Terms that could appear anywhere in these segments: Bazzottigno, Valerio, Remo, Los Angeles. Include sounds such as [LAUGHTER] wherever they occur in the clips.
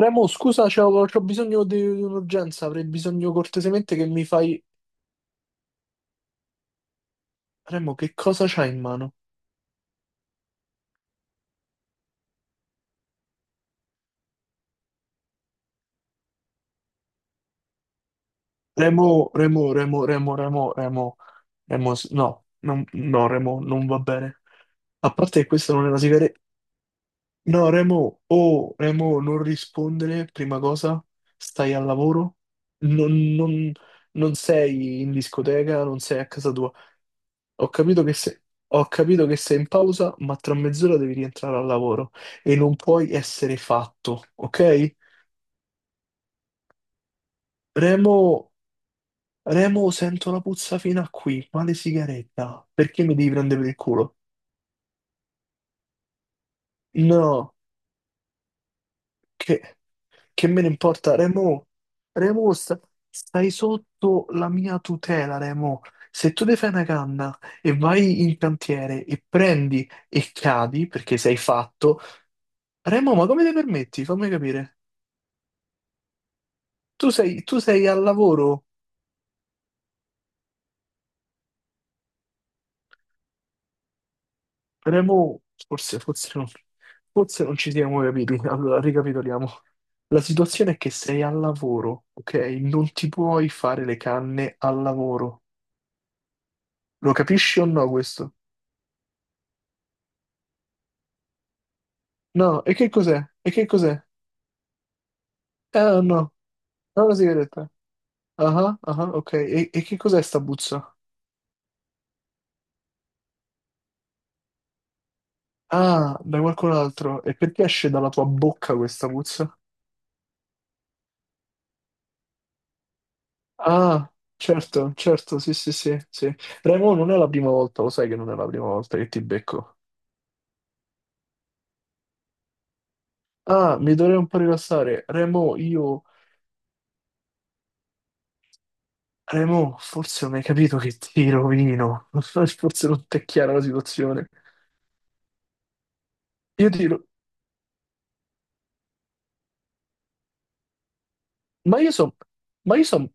Remo, scusa, c'ho bisogno di un'urgenza, avrei bisogno cortesemente che mi fai... Remo, che cosa c'hai in mano? Remo, Remo, Remo, Remo, Remo, Remo, Remo, no, no, Remo, non va bene. A parte che questa non è una sigaretta... No, Remo, oh, Remo, non rispondere, prima cosa, stai al lavoro, non, non non sei in discoteca, non sei a casa tua. Ho capito che sei, ho capito che sei in pausa, ma tra mezz'ora devi rientrare al lavoro e non puoi essere fatto, ok? Remo, Remo, sento la puzza fino a qui, ma le sigaretta, perché mi devi prendere per il culo? No, che, che me ne importa, Remo, Remo, stai sotto la mia tutela, Remo. Se tu ti fai una canna e vai in cantiere e prendi e cadi perché sei fatto, Remo, ma come ti permetti? Fammi capire. Tu sei al lavoro, Remo, forse, forse non, forse non ci siamo capiti, allora ricapitoliamo. La situazione è che sei al lavoro, ok? Non ti puoi fare le canne al lavoro. Lo capisci o no questo? No, e che cos'è? E che cos'è? Ah, no, è una sigaretta. Ah, ah, ah, ok. E che cos'è sta puzza? Ah, da qualcun altro. E perché esce dalla tua bocca questa puzza? Ah, certo, certo, sì, sì, sì, sì. Remo non è la prima volta, lo sai che non è la prima volta che ti becco. Ah, mi dovrei un po' rilassare. Remo, io... Remo, forse non hai capito che ti rovino. [LAUGHS] Forse non ti è chiara la situazione. Io ti... ro- Ma io sono... Ma io son-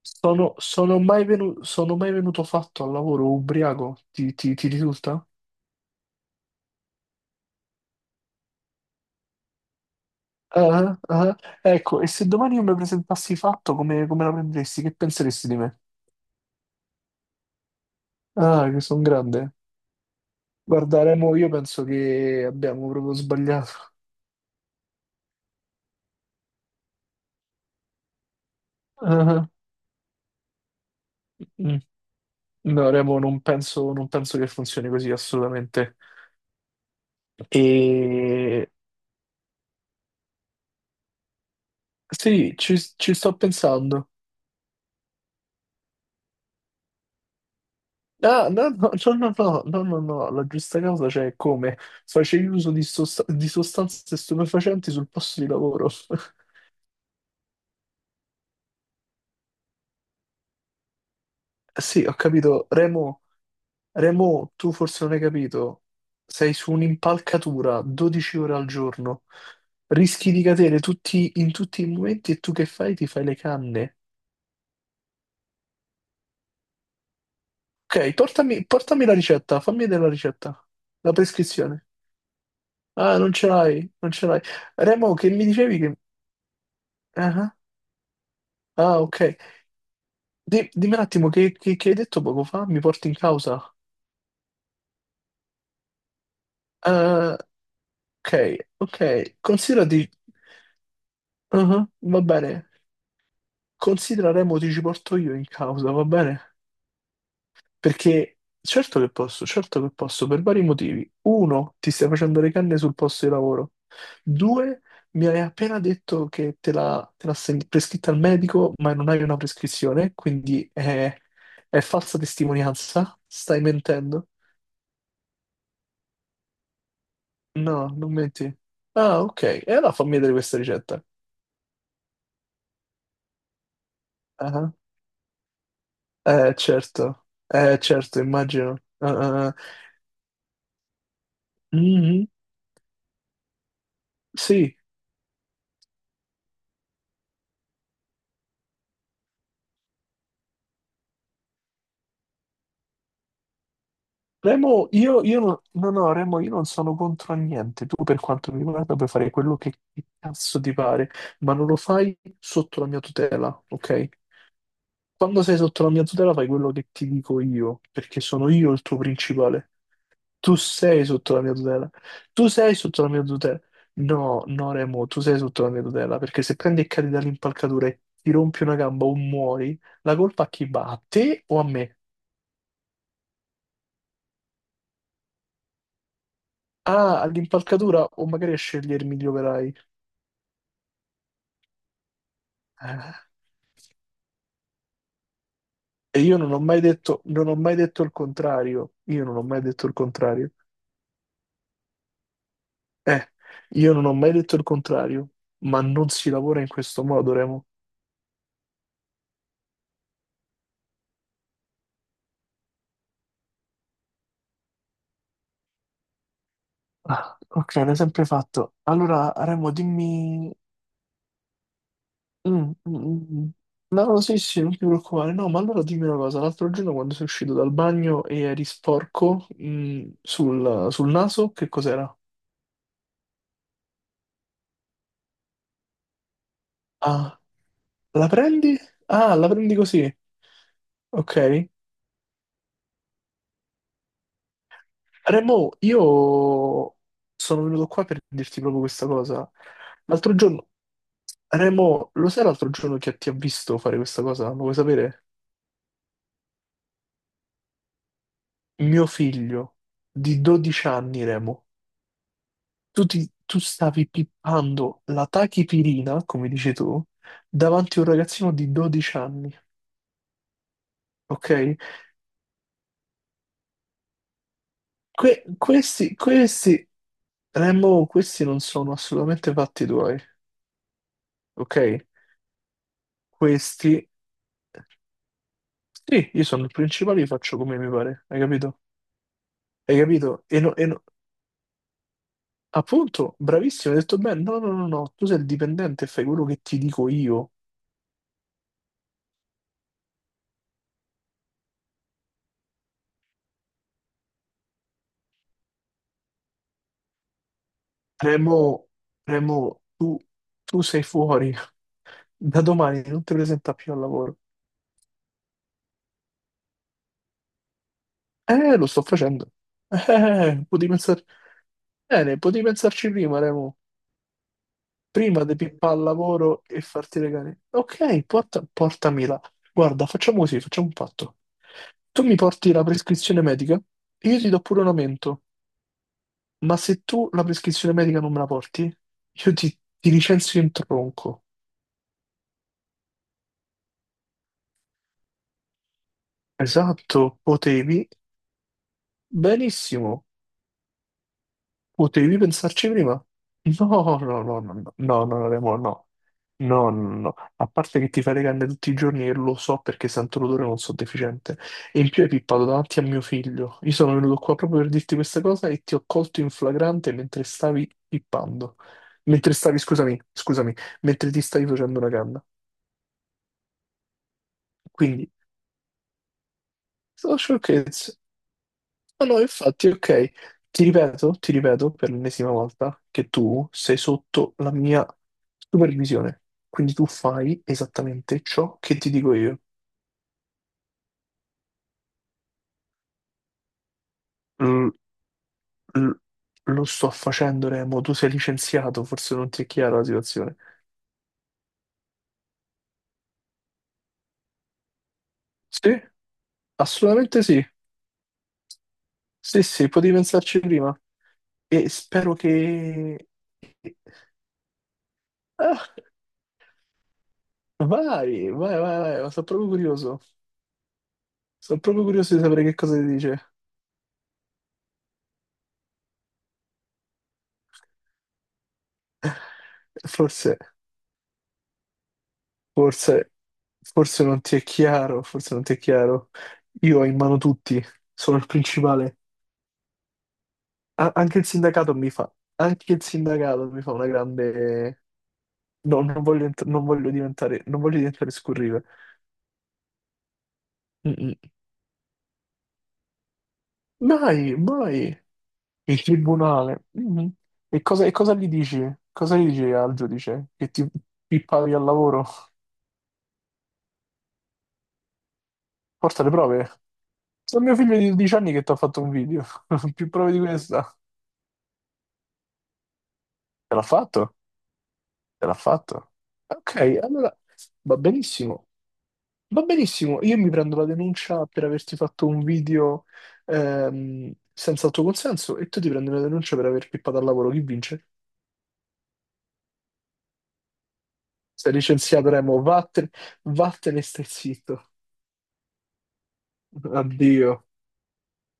Sono mai venuto fatto al lavoro ubriaco? Ti risulta? Ah, ah, ah. Ecco, e se domani io mi presentassi fatto, come la prenderesti? Che penseresti di me? Ah, che sono grande. Guarda, Remo, io penso che abbiamo proprio sbagliato. Ah, mm. No, Remo, non penso che funzioni così assolutamente. E sì, ci sto pensando. Ah, no, no, no, no, no, no, no, no, no, la giusta causa c'è come facevi uso di sostanze stupefacenti sul posto di lavoro. [LAUGHS] Sì, ho capito, Remo. Remo, tu forse non hai capito, sei su un'impalcatura 12 ore al giorno, rischi di cadere in tutti i momenti e tu che fai? Ti fai le canne. Ok, portami la ricetta, fammi vedere la ricetta, la prescrizione. Ah, non ce l'hai, non ce l'hai. Remo, che mi dicevi che... Ah, ah, ok. Dimmi un attimo, che hai detto poco fa? Mi porti in causa? Ah, ok, ok, considerati... ah, va bene, considera Remo, ti ci porto io in causa, va bene? Perché certo che posso, per vari motivi. Uno, ti stai facendo le canne sul posto di lavoro. Due, mi hai appena detto che te l'ha prescritta il medico, ma non hai una prescrizione, quindi è falsa testimonianza. Stai mentendo? No, non menti. Ah, ok. E allora fammi vedere questa ricetta. Ah, eh, certo. Certo, immagino. Ah, ah, ah. Mhm. Sì. Remo, io non, no, no, Remo, io non sono contro a niente. Tu, per quanto mi riguarda, puoi fare quello che cazzo ti pare, ma non lo fai sotto la mia tutela, ok? Quando sei sotto la mia tutela, fai quello che ti dico io, perché sono io il tuo principale. Tu sei sotto la mia tutela. Tu sei sotto la mia tutela. No, no, Remo, tu sei sotto la mia tutela, perché se prendi e cadi dall'impalcatura e ti rompi una gamba o muori, la colpa a chi va? A te o a me? Ah, all'impalcatura o magari a scegliermi gli operai? Eh, E io non ho mai detto il contrario. Io non ho mai detto il contrario. Eh, io non ho mai detto il contrario, ma non si lavora in questo modo, Remo. Ah, ok, l'hai sempre fatto. Allora, Remo, dimmi... Mm, mm, mm. Mm. No, sì, sì, non ti preoccupare. No, ma allora dimmi una cosa. L'altro giorno quando sei uscito dal bagno e eri sporco, sul naso, che cos'era? Ah, la prendi? Ah, la prendi così. Ok. Remo, io sono venuto qua per dirti proprio questa cosa. L'altro giorno, Remo, lo sai l'altro giorno che ti ha visto fare questa cosa? Lo vuoi sapere? Mio figlio di 12 anni, Remo, tu stavi pippando la tachipirina, come dici tu, davanti a un ragazzino di 12 anni, ok? Que- questi, questi, Remo, questi non sono assolutamente fatti tuoi, ok? Questi. Sì, io sono il principale, io faccio come mi pare, hai capito? Hai capito? Appunto, bravissimo, hai detto bene, no, no, no, no, tu sei il dipendente, e fai quello che ti dico io. Remo, Remo, tu sei fuori, [LAUGHS] da domani non ti presenta più al lavoro. Lo sto facendo. Eh, eh, eh, eh, potevi pensar- bene, potevi pensarci prima, Remo. Prima di pippare al lavoro e farti regalare. Ok, portami là. Guarda, facciamo così, facciamo un patto. Tu mi porti la prescrizione medica, e io ti do pure un aumento, ma se tu la prescrizione medica non me la porti, io ti licenzio in tronco. Esatto, benissimo, potevi pensarci prima. No, no, no, no, no, no, no, no, Remo, no. No, no, no, no. A parte che ti fai le canne tutti i giorni e lo so perché sento l'odore e non sono deficiente. E in più hai pippato davanti a mio figlio. Io sono venuto qua proprio per dirti questa cosa e ti ho colto in flagrante mentre stavi pippando. Mentre stavi, scusami, scusami, mentre ti stavi facendo una canna. Quindi, sono sciocchezze. No, no, infatti, ok. Ti ripeto per l'ennesima volta che tu sei sotto la mia supervisione. Quindi tu fai esattamente ciò che ti dico io. L- lo sto facendo, Remo. Tu sei licenziato, forse non ti è chiara la situazione. Sì, assolutamente sì. Sì, sì, potevi pensarci prima. E spero che... Ah, vai, vai, vai, vai, ma sono proprio curioso. Sono proprio curioso di sapere che cosa ti dice. Forse, forse, forse non ti è chiaro, forse non ti è chiaro. Io ho in mano tutti, sono il principale. Anche il sindacato mi fa una grande. No, non voglio, ent- non voglio diventare, non voglio diventare scurrile. Mm-mm. Dai, vai. Il tribunale. Mm. E cosa gli dici? Cosa gli dici al giudice? Che ti pippavi al lavoro? Porta le prove. Sono mio figlio di 12 anni che ti ha fatto un video. [LAUGHS] Più prove di questa. Te l'ha fatto? Te l'ha fatto? Ok, allora va benissimo. Va benissimo. Io mi prendo la denuncia per averti fatto un video senza il tuo consenso e tu ti prendi la denuncia per aver pippato al lavoro. Chi vince? Sei licenziato, Remo. Vattene, vattene, e stai zitto. Addio.